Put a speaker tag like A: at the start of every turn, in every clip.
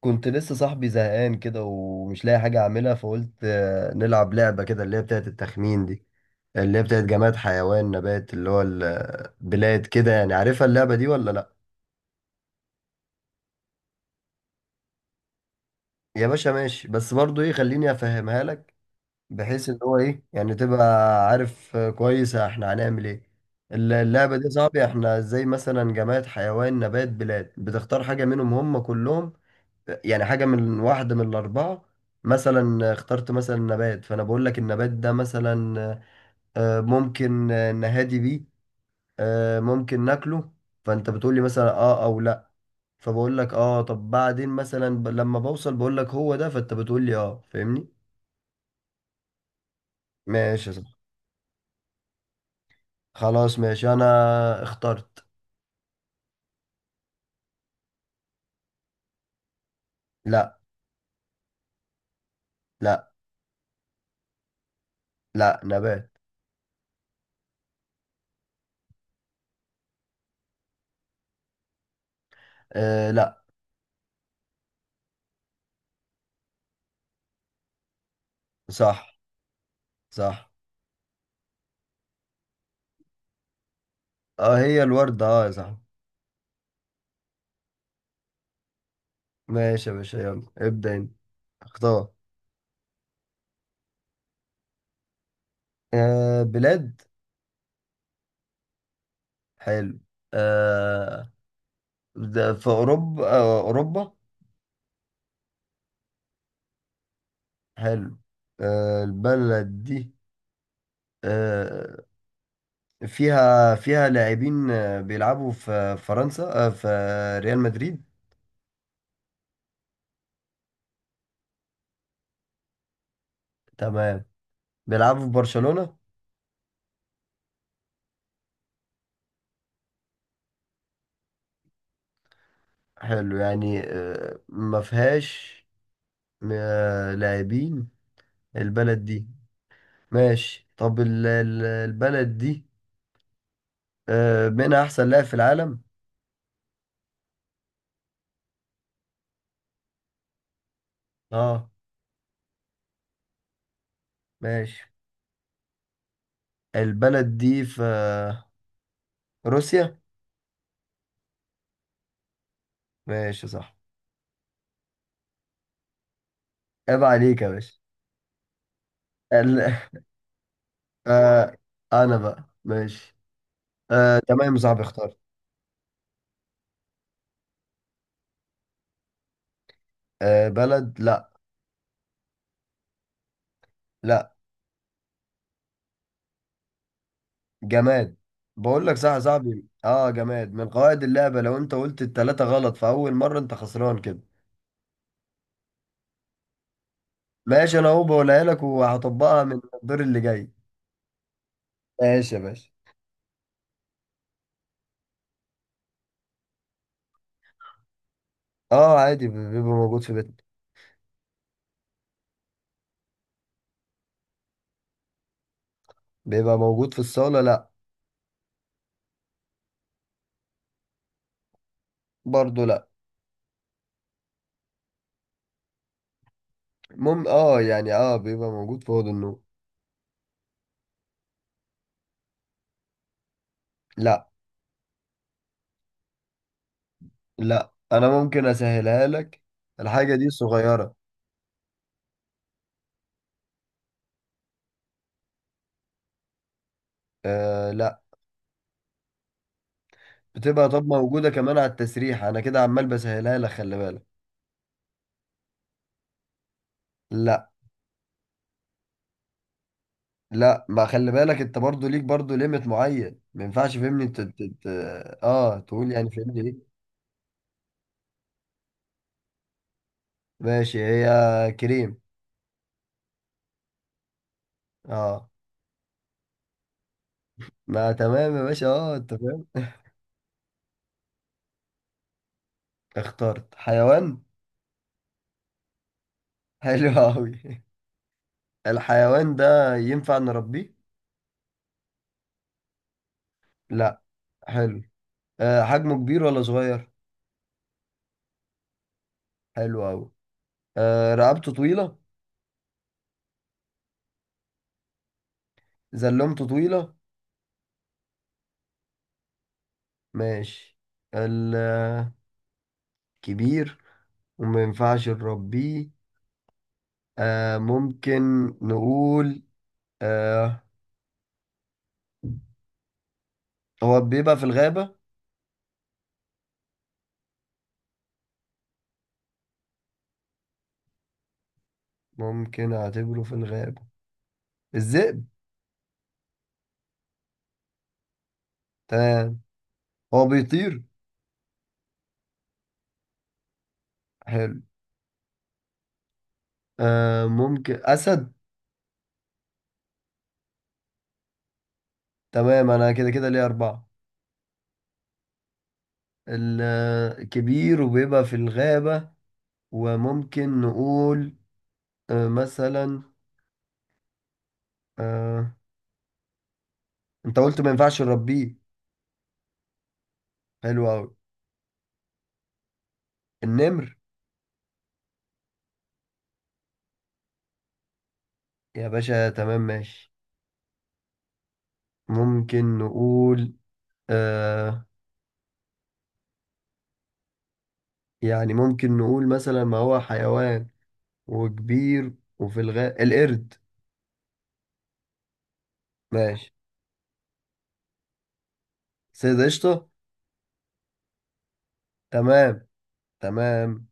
A: كنت لسه صاحبي زهقان كده ومش لاقي حاجة أعملها، فقلت آه، نلعب لعبة كده اللي هي بتاعت التخمين دي، اللي هي بتاعت جماد حيوان نبات اللي هو البلاد كده. يعني عارفها اللعبة دي ولا لأ؟ يا باشا ماشي، بس برضو إيه، خليني أفهمها لك، بحيث إن هو إيه يعني تبقى عارف. كويس، إحنا هنعمل إيه. اللعبة دي يا صاحبي، إحنا زي مثلا جماد حيوان نبات بلاد، بتختار حاجة منهم هم كلهم. يعني حاجة من واحدة من الأربعة. مثلا اخترت مثلا نبات، فأنا بقول لك النبات ده مثلا ممكن نهادي بيه، ممكن ناكله. فأنت بتقول لي مثلا آه أو لأ، فبقول لك آه، طب بعدين مثلا لما بوصل بقول لك هو ده، فأنت بتقول لي آه، فاهمني؟ ماشي صح. خلاص ماشي، أنا اخترت. لأ. لأ. لأ، نبات. آه لأ. صح. صح. آه هي الوردة آه يا صاحبي. ماشي يا باشا، يلا ابدأ أنت، اختار. آه بلاد. حلو. آه ده في أوروبا، آه أوروبا. حلو. البلد دي آه فيها لاعبين، بيلعبوا في فرنسا، في ريال مدريد. تمام. بيلعبوا في برشلونة. حلو يعني، ما فيهاش لاعبين البلد دي. ماشي، طب البلد دي منها أحسن لاعب في العالم. اه. ماشي. البلد دي في روسيا. ماشي صح. عيب عليك يا باشا. ال... آه... انا بقى ماشي. تمام يا صاحبي، اختار. بلد؟ لا. لا، جماد. بقول لك صح يا صاحبي، اه جماد. من قواعد اللعبة لو انت قلت التلاتة غلط في اول مرة انت خسران كده. ماشي، انا اهو بقولها لك وهطبقها من الدور اللي جاي. ماشي يا باشا. اه عادي، بيبقى موجود في بيتنا. بيبقى موجود في الصالة لا. برضه لا. اه يعني اه بيبقى موجود في اوضه النوم. لا. لا، انا ممكن اسهلها لك، الحاجه دي صغيره. آه لا. بتبقى طب موجوده كمان على التسريح، انا كده عمال بسهلها لك خلي بالك. لا. لا ما خلي بالك، انت برضو ليك برضو ليميت معين، ما ينفعش فهمني انت اه تقول يعني فهمني ايه. ماشي. هي كريم. اه. ما تمام يا باشا، اه انت فاهم اخترت حيوان. حلو قوي الحيوان ده ينفع نربيه؟ لا. حلو. آه حجمه كبير ولا صغير؟ حلو قوي. رقبته طويلة. زلمته طويلة. ماشي. الكبير وما ينفعش نربيه، ممكن نقول، آه هو بيبقى في الغابة. ممكن أعتبره في الغابة. الذئب. تمام. هو بيطير. حلو. ممكن أسد. تمام. أنا كده كده ليه أربعة. الكبير وبيبقى في الغابة، وممكن نقول آه مثلا آه أنت قلت ما ينفعش نربيه. حلو أوي. النمر. يا باشا تمام ماشي. ممكن نقول آه يعني ممكن نقول مثلا، ما هو حيوان وكبير وفي الغابة، القرد. ماشي. سيد قشطة. تمام. تمام.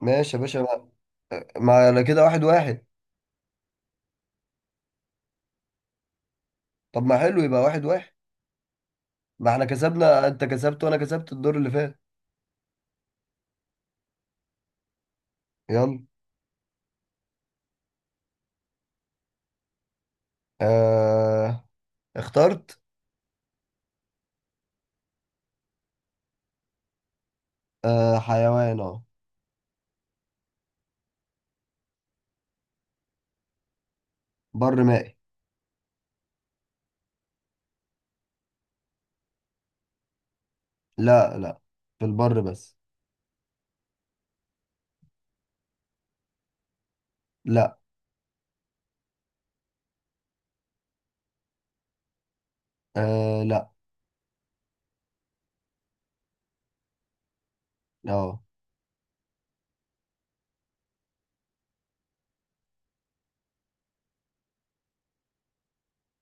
A: ماشي يا باشا ما. ما على كده 1-1. طب ما حلو يبقى 1-1. ما احنا كسبنا، انت كسبت وانا كسبت الدور اللي فات. يلا. آه. اخترت. آه حيوان اه. بر مائي. لا لا، في البر بس. لا. آه لا. اه.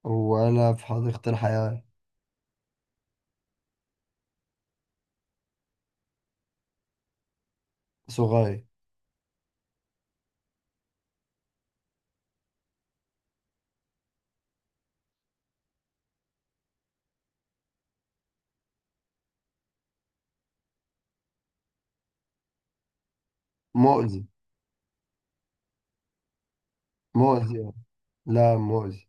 A: ولا في حديقة الحياة. صغير. مؤذي. مؤذي أوي. لا مؤذي.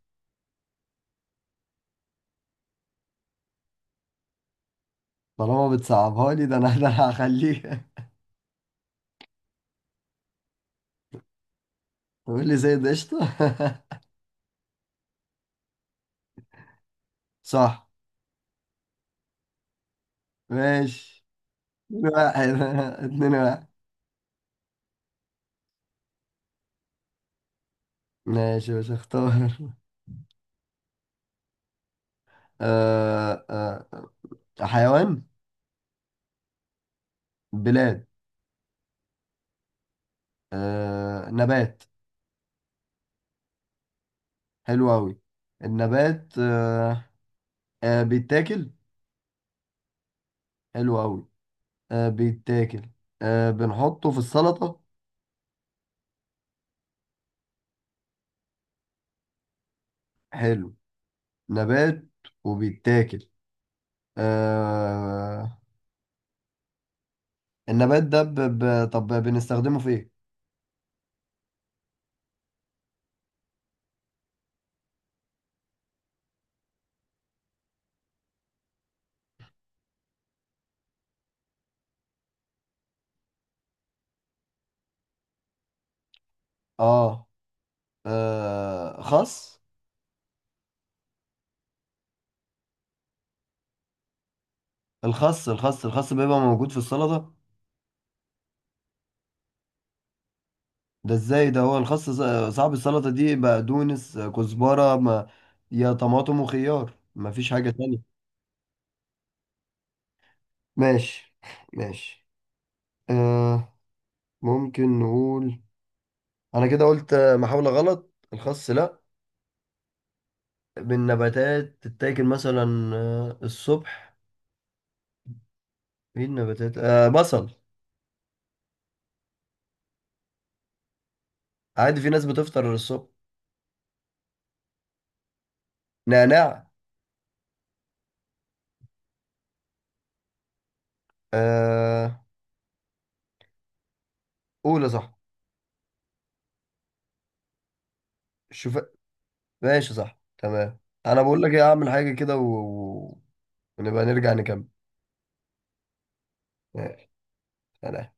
A: طالما بتصعبها لي ده انا ده أنا هخليه تقول لي زي قشطة صح. ماشي. 2-1 2-1. ماشي مش هختار آه آه، حيوان. بلاد. آه نبات. حلو أوي. النبات آه، بيتاكل. حلو أوي. بيتاكل. بنحطه في السلطة. حلو. نبات وبيتاكل. آه... النبات ده طب بنستخدمه في ايه؟ اه. خس. الخس الخس الخس بيبقى موجود في السلطة. ده ازاي، ده هو الخس صعب. السلطة دي بقدونس كزبرة ما... يا طماطم وخيار، مفيش حاجة تانية. ماشي. ماشي. آه... ممكن نقول، انا كده قلت آه، محاولة غلط. الخس لا. بالنباتات تتاكل مثلا الصبح. ايه النباتات، بصل. عادي في ناس بتفطر الصبح. نعناع. آه قول يا صاحبي. شوف. ماشي صح تمام. انا بقول لك ايه، اعمل حاجه كده ونبقى نرجع نكمل. ماشي، سلام.